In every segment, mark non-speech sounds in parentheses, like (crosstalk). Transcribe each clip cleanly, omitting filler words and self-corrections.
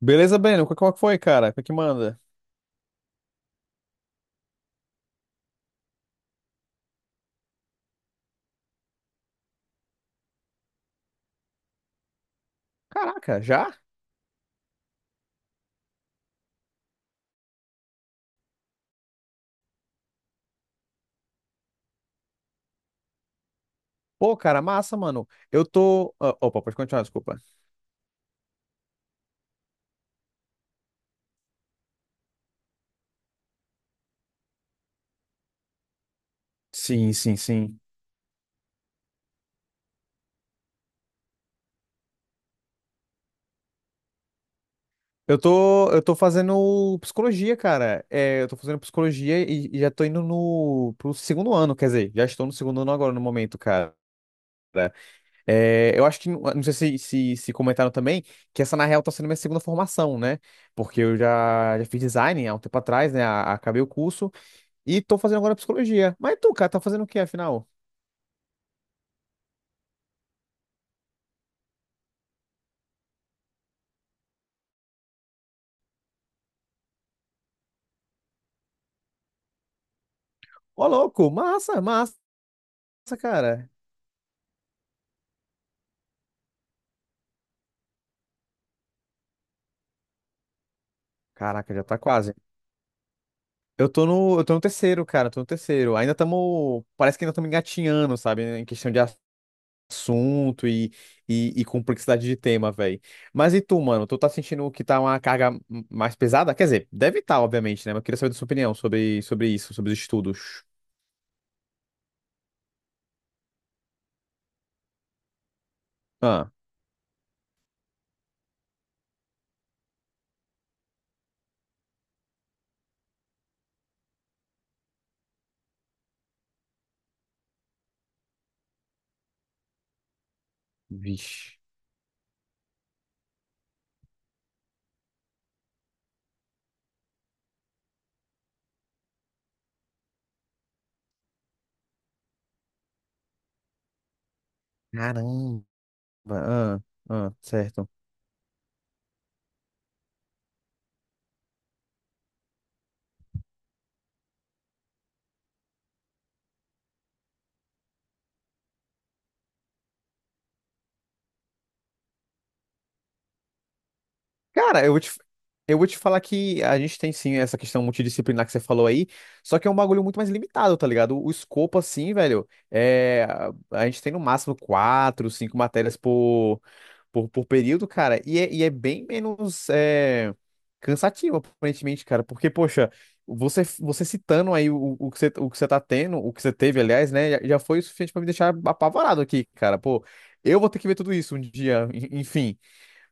Beleza, Breno? Qual que foi, cara? Qual que manda? Caraca, já? Pô, cara, massa, mano. Opa, pode continuar, desculpa. Sim, sim, sim. Eu tô fazendo psicologia, cara. Eu tô fazendo psicologia e já tô indo no, pro segundo ano, quer dizer, já estou no segundo ano agora no momento, cara. É, eu acho que, não sei se comentaram também, que essa na real tá sendo minha segunda formação, né? Porque eu já fiz design há um tempo atrás, né? Acabei o curso e tô fazendo agora psicologia. Mas tu, cara, tá fazendo o que afinal? Ô, louco, massa, massa, cara. Caraca, já tá quase. Eu tô no terceiro, cara, tô no terceiro. Ainda estamos, parece que ainda estamos engatinhando, sabe, em questão de assunto e complexidade de tema, velho. Mas e tu, mano? Tu tá sentindo que tá uma carga mais pesada? Quer dizer, deve estar, obviamente, né? Mas eu queria saber da sua opinião sobre, sobre isso, sobre os estudos. Ah, vixe. Caramba. Ah, ah, certo. Cara, eu vou te falar que a gente tem sim essa questão multidisciplinar que você falou aí, só que é um bagulho muito mais limitado, tá ligado? O escopo, assim, velho, a gente tem no máximo quatro, cinco matérias por período, cara, e é bem menos cansativo, aparentemente, cara, porque, poxa, você citando aí o que você tá tendo, o que você teve, aliás, né, já foi o suficiente pra me deixar apavorado aqui, cara, pô. Eu vou ter que ver tudo isso um dia, enfim.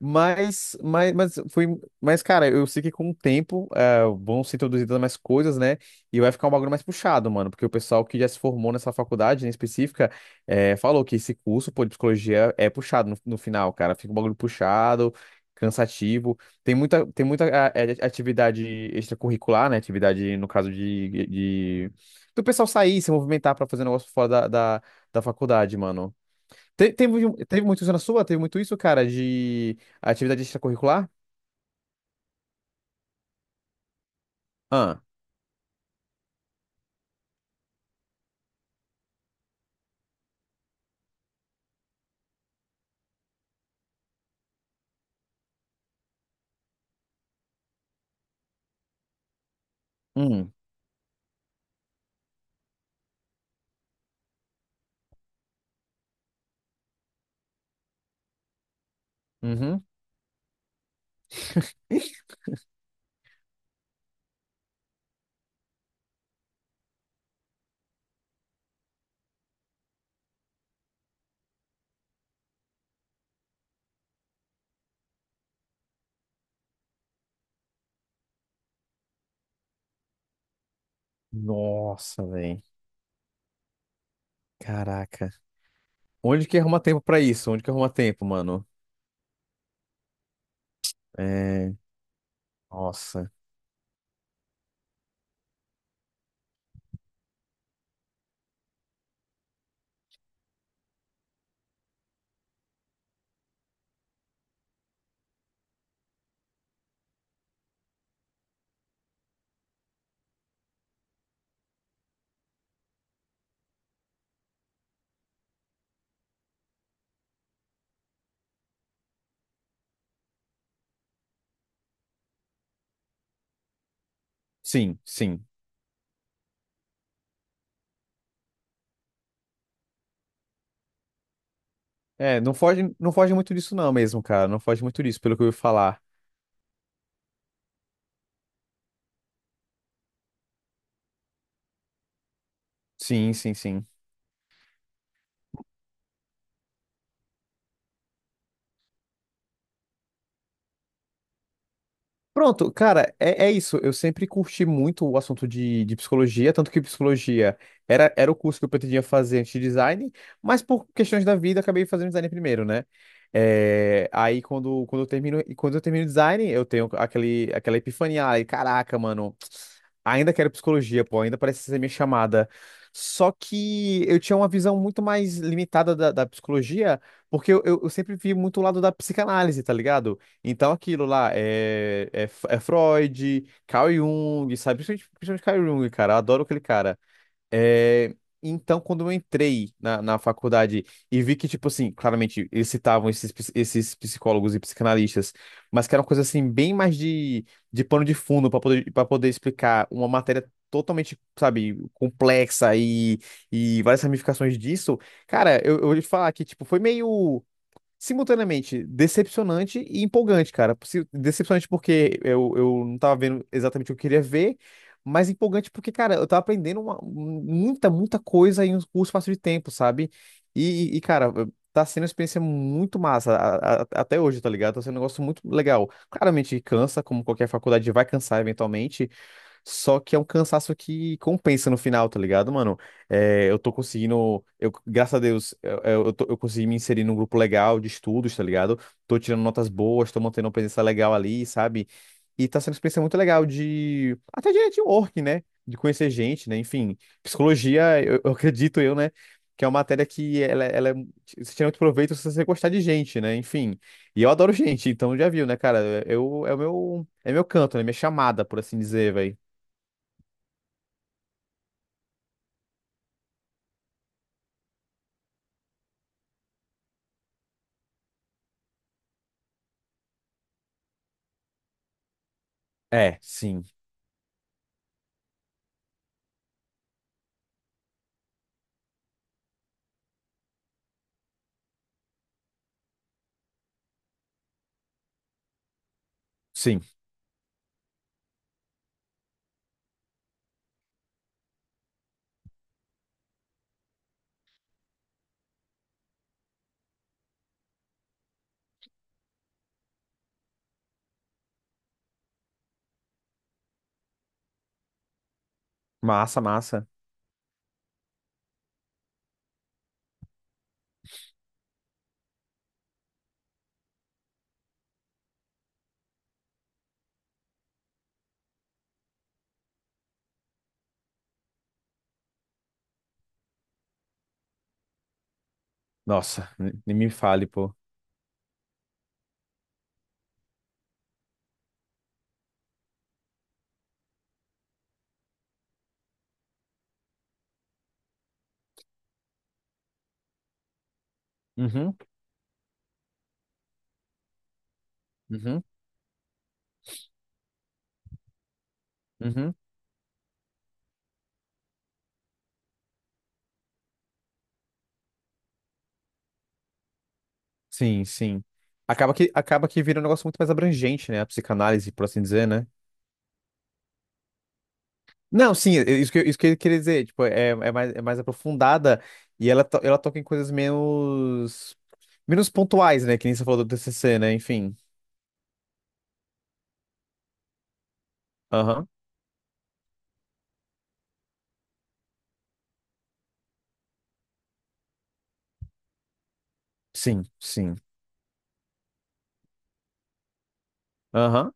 Mas foi. Mas, cara, eu sei que com o tempo vão se introduzindo mais coisas, né? E vai ficar um bagulho mais puxado, mano. Porque o pessoal que já se formou nessa faculdade, em específica, é, falou que esse curso, pô, de psicologia é puxado no final, cara. Fica um bagulho puxado, cansativo. Tem muita atividade extracurricular, né? Atividade, no caso, do pessoal sair, se movimentar pra fazer um negócio fora da faculdade, mano. Teve, um, teve muito isso na sua? Teve muito isso, cara, de atividade extracurricular? Ah, hum, uhum. Nossa, velho. Caraca. Onde que arruma tempo pra isso? Onde que arruma tempo, mano? É. Nossa. Sim, sim. É, não foge muito disso, não, mesmo, cara. Não foge muito disso, pelo que eu ouvi falar. Sim, sim, sim. Pronto, cara, é isso. Eu sempre curti muito o assunto de psicologia, tanto que psicologia era o curso que eu pretendia fazer antes de design, mas por questões da vida acabei fazendo design primeiro, né? É, quando eu termino, e quando eu termino design, eu tenho aquela epifania, ai, caraca, mano, ainda quero psicologia, pô, ainda parece ser minha chamada. Só que eu tinha uma visão muito mais limitada da psicologia, porque eu sempre vi muito o lado da psicanálise, tá ligado? Então, aquilo lá é Freud, Carl Jung, sabe? Principalmente, principalmente Carl Jung, cara. Eu adoro aquele cara. É, então, quando eu entrei na faculdade e vi que, tipo assim, claramente eles citavam esses psicólogos e psicanalistas, mas que era uma coisa assim, bem mais de pano de fundo para poder explicar uma matéria totalmente, sabe, complexa e várias ramificações disso. Eu vou te falar que, tipo, foi meio simultaneamente decepcionante e empolgante, cara. Decepcionante porque eu não tava vendo exatamente o que eu queria ver, mas empolgante porque, cara, eu tava aprendendo muita coisa em um curto espaço de tempo, sabe? Cara, tá sendo uma experiência muito massa até hoje, tá ligado? Tá sendo um negócio muito legal. Claramente cansa, como qualquer faculdade vai cansar eventualmente, só que é um cansaço que compensa no final, tá ligado, mano? É, eu tô conseguindo, eu, graças a Deus, eu consegui me inserir num grupo legal de estudos, tá ligado? Tô tirando notas boas, tô mantendo uma presença legal ali, sabe? E tá sendo uma experiência muito legal de, até de network, né? De conhecer gente, né? Enfim, psicologia, eu (laughs) acredito eu, né? Que é uma matéria que você tira muito proveito se você gostar de gente, né? Enfim. E eu adoro gente, então já viu, né, cara? Eu, é o meu, é meu canto, né? Minha chamada, por assim dizer, velho. É, sim, sim. Massa, massa. Nossa, nem me fale, pô. Uhum, uhum, uhum. Sim, sim. Acaba que vira um negócio muito mais abrangente, né? A psicanálise, por assim dizer, né? Não, sim, é isso isso que eu queria dizer. Tipo, é mais aprofundada e ela toca em coisas menos pontuais, né? Que nem você falou do TCC, né? Enfim. Aham. Sim, sim. Aham.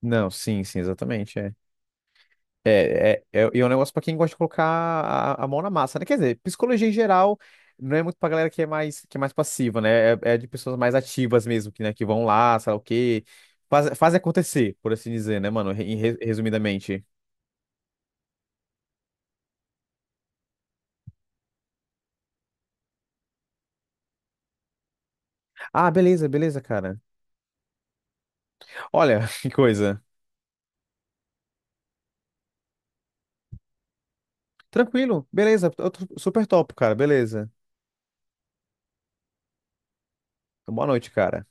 Não, sim, sim, exatamente. É. É um negócio pra quem gosta de colocar a mão na massa, né? Quer dizer, psicologia em geral não é muito pra galera que é que é mais passiva, né? É, é de pessoas mais ativas mesmo, que, né, que vão lá, sei lá o quê, faz acontecer, por assim dizer, né, mano? Resumidamente. Ah, beleza, beleza, cara. Olha, (laughs) que coisa. Tranquilo, beleza, eu tô super top, cara, beleza. Boa noite, cara.